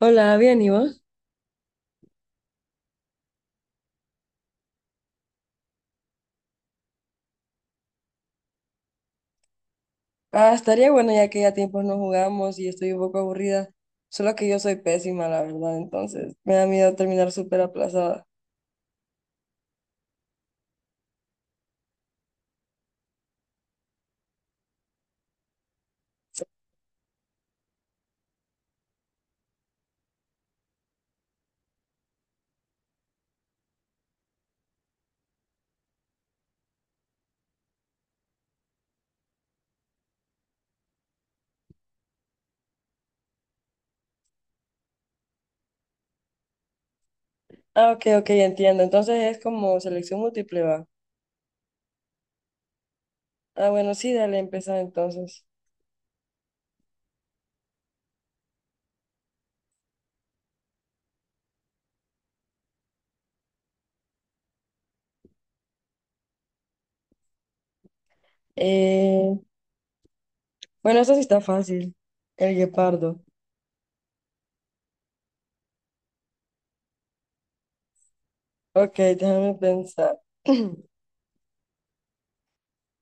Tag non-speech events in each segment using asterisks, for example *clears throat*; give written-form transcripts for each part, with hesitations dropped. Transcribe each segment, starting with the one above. Hola, bien, ¿y vos? Ah, estaría bueno ya que ya tiempos no jugamos y estoy un poco aburrida. Solo que yo soy pésima, la verdad, entonces me da miedo terminar súper aplazada. Ah, ok, ok, entiendo. Entonces es como selección múltiple, va. Ah, bueno, sí, dale, empezar entonces. Eh, bueno, eso sí está fácil. El guepardo. Ok, déjame pensar. *clears throat*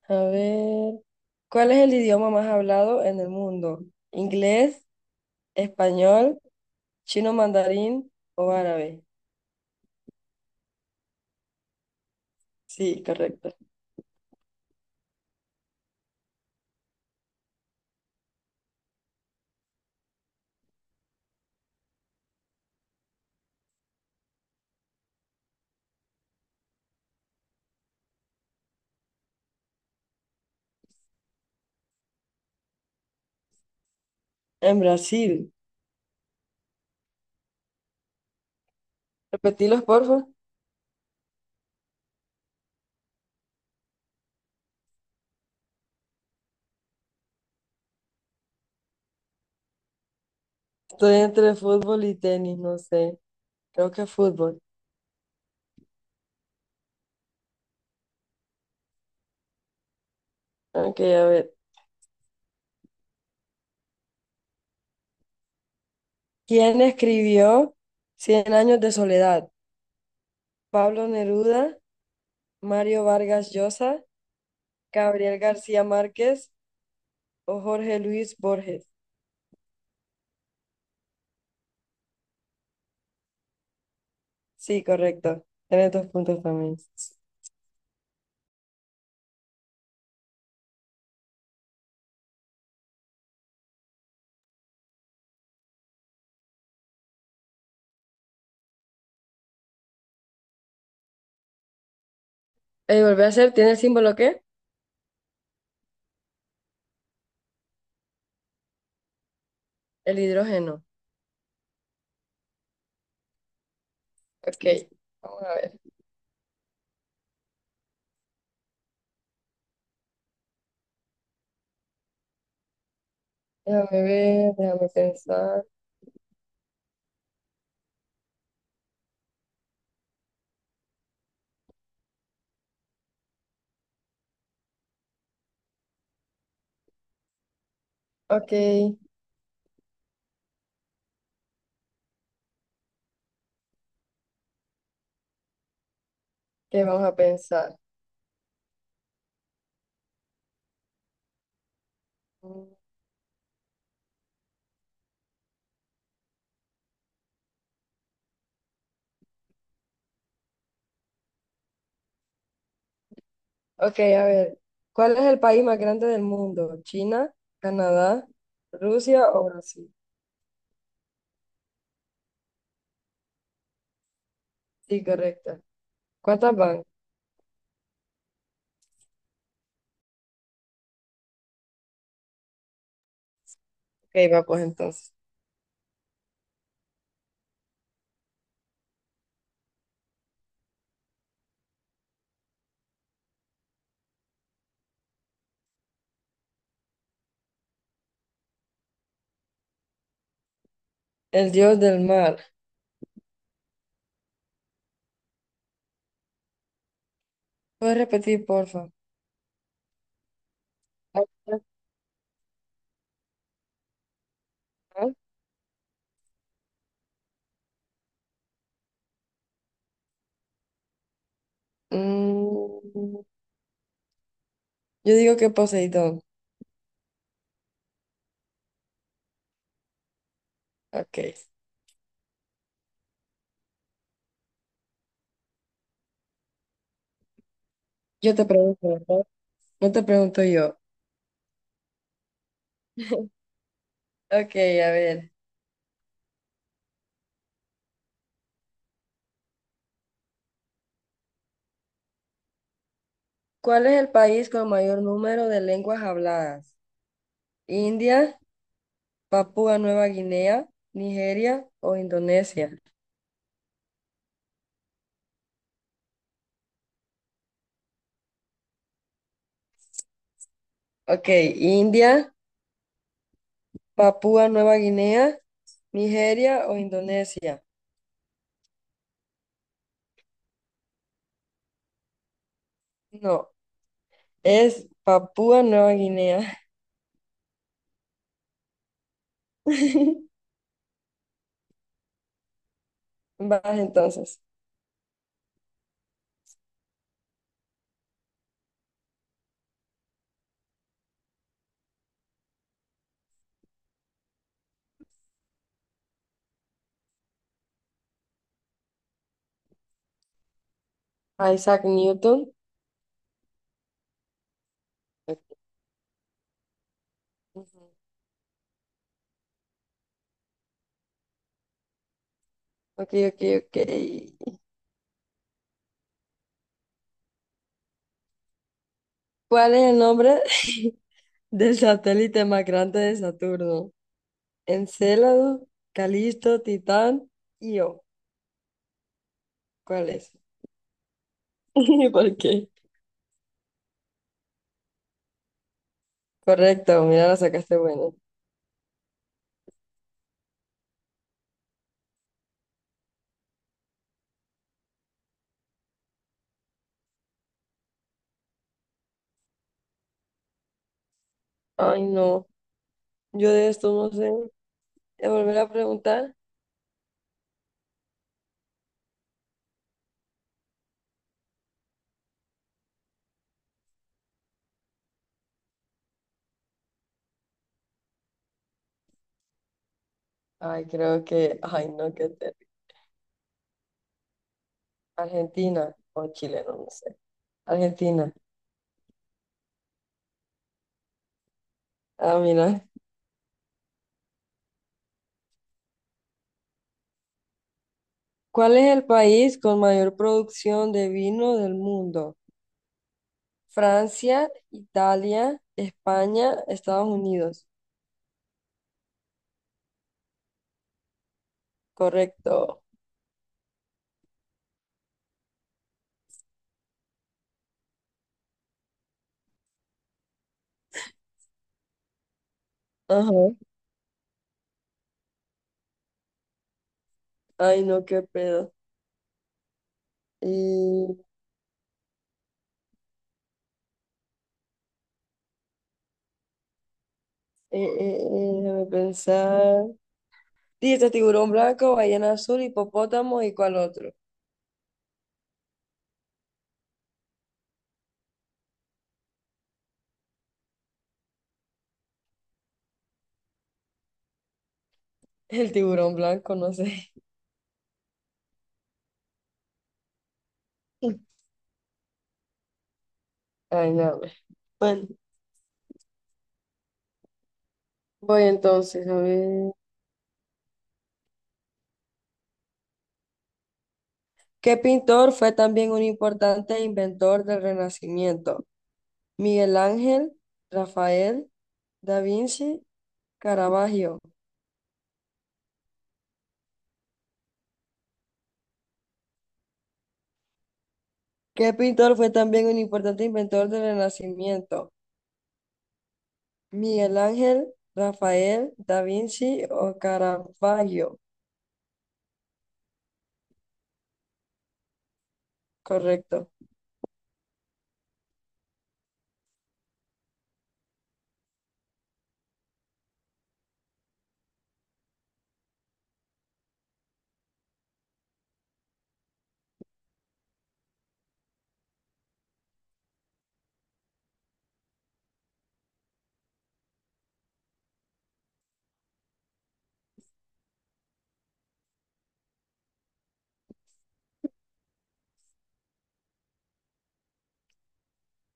A ver, ¿cuál es el idioma más hablado en el mundo? ¿Inglés, español, chino mandarín o árabe? Sí, correcto. En Brasil. Repetilos, porfa. Estoy entre fútbol y tenis, no sé. Creo que fútbol. Ok, a ver. ¿Quién escribió Cien años de soledad? ¿Pablo Neruda, Mario Vargas Llosa, Gabriel García Márquez o Jorge Luis Borges? Sí, correcto. Tienes dos puntos también. Volví a hacer, ¿tiene el símbolo qué? El hidrógeno. Ok, vamos a ver. Déjame ver, déjame pensar. Ok, ¿qué vamos a pensar? Ok, a ver. ¿Cuál es el país más grande del mundo? ¿China, Canadá, Rusia o Brasil? Sí, correcta. ¿Cuántas van? Ok, va pues entonces. El dios del mar. ¿Puedes repetir, porfa? Ah, ah, mm, yo digo que Poseidón. Ok. Yo te pregunto, ¿verdad? No te pregunto yo. Ok, a ver. ¿Cuál es el país con mayor número de lenguas habladas? ¿India, Papúa Nueva Guinea, Nigeria o Indonesia? Ok, India, Papúa Nueva Guinea, Nigeria o Indonesia. No, es Papúa Nueva Guinea. *laughs* Vas entonces. Isaac Newton. Ujú. Ok, ok, ok. ¿Cuál es el nombre *laughs* del satélite más grande de Saturno? Encélado, Calisto, Titán, Io. ¿Cuál es? *laughs* ¿Por qué? Correcto, mira, la sacaste buena. Ay, no, yo de esto no sé. ¿Te volver a preguntar? Ay, creo que, ay, no, qué terrible. Argentina o Chile, no, no sé. Argentina. Ah, mira. ¿Cuál es el país con mayor producción de vino del mundo? Francia, Italia, España, Estados Unidos. Correcto. Ajá. Ay, no, qué pedo. Y, déjame pensar. Dice tiburón blanco, ballena azul, hipopótamo y cuál otro. El tiburón blanco, no sé. *laughs* Ay, no. Bueno. Voy entonces a ver. ¿Qué pintor fue también un importante inventor del Renacimiento? Miguel Ángel, Rafael, Da Vinci, Caravaggio. ¿Qué pintor fue también un importante inventor del Renacimiento? Miguel Ángel, Rafael, Da Vinci o Caravaggio. Correcto.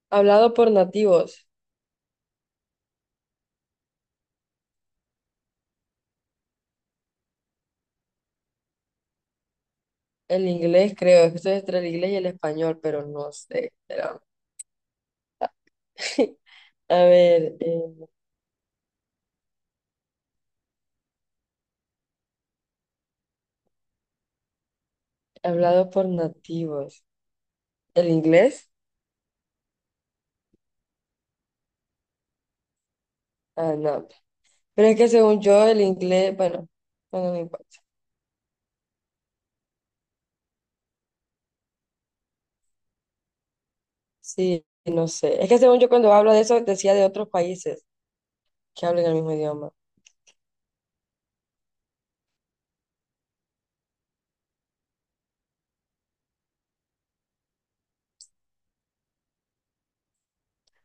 Hablado por nativos. El inglés, creo. Esto es entre el inglés y el español, pero no sé. Pero- *laughs* A ver, hablado por nativos. ¿El inglés? Ah, no. Pero es que según yo, el inglés, bueno, no importa. Sí, no sé. Es que según yo, cuando hablo de eso, decía de otros países que hablan el mismo idioma.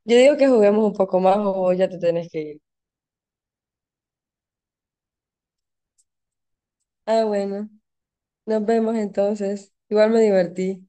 Yo digo que juguemos un poco más o ya te tenés que ir. Ah, bueno. Nos vemos entonces. Igual me divertí.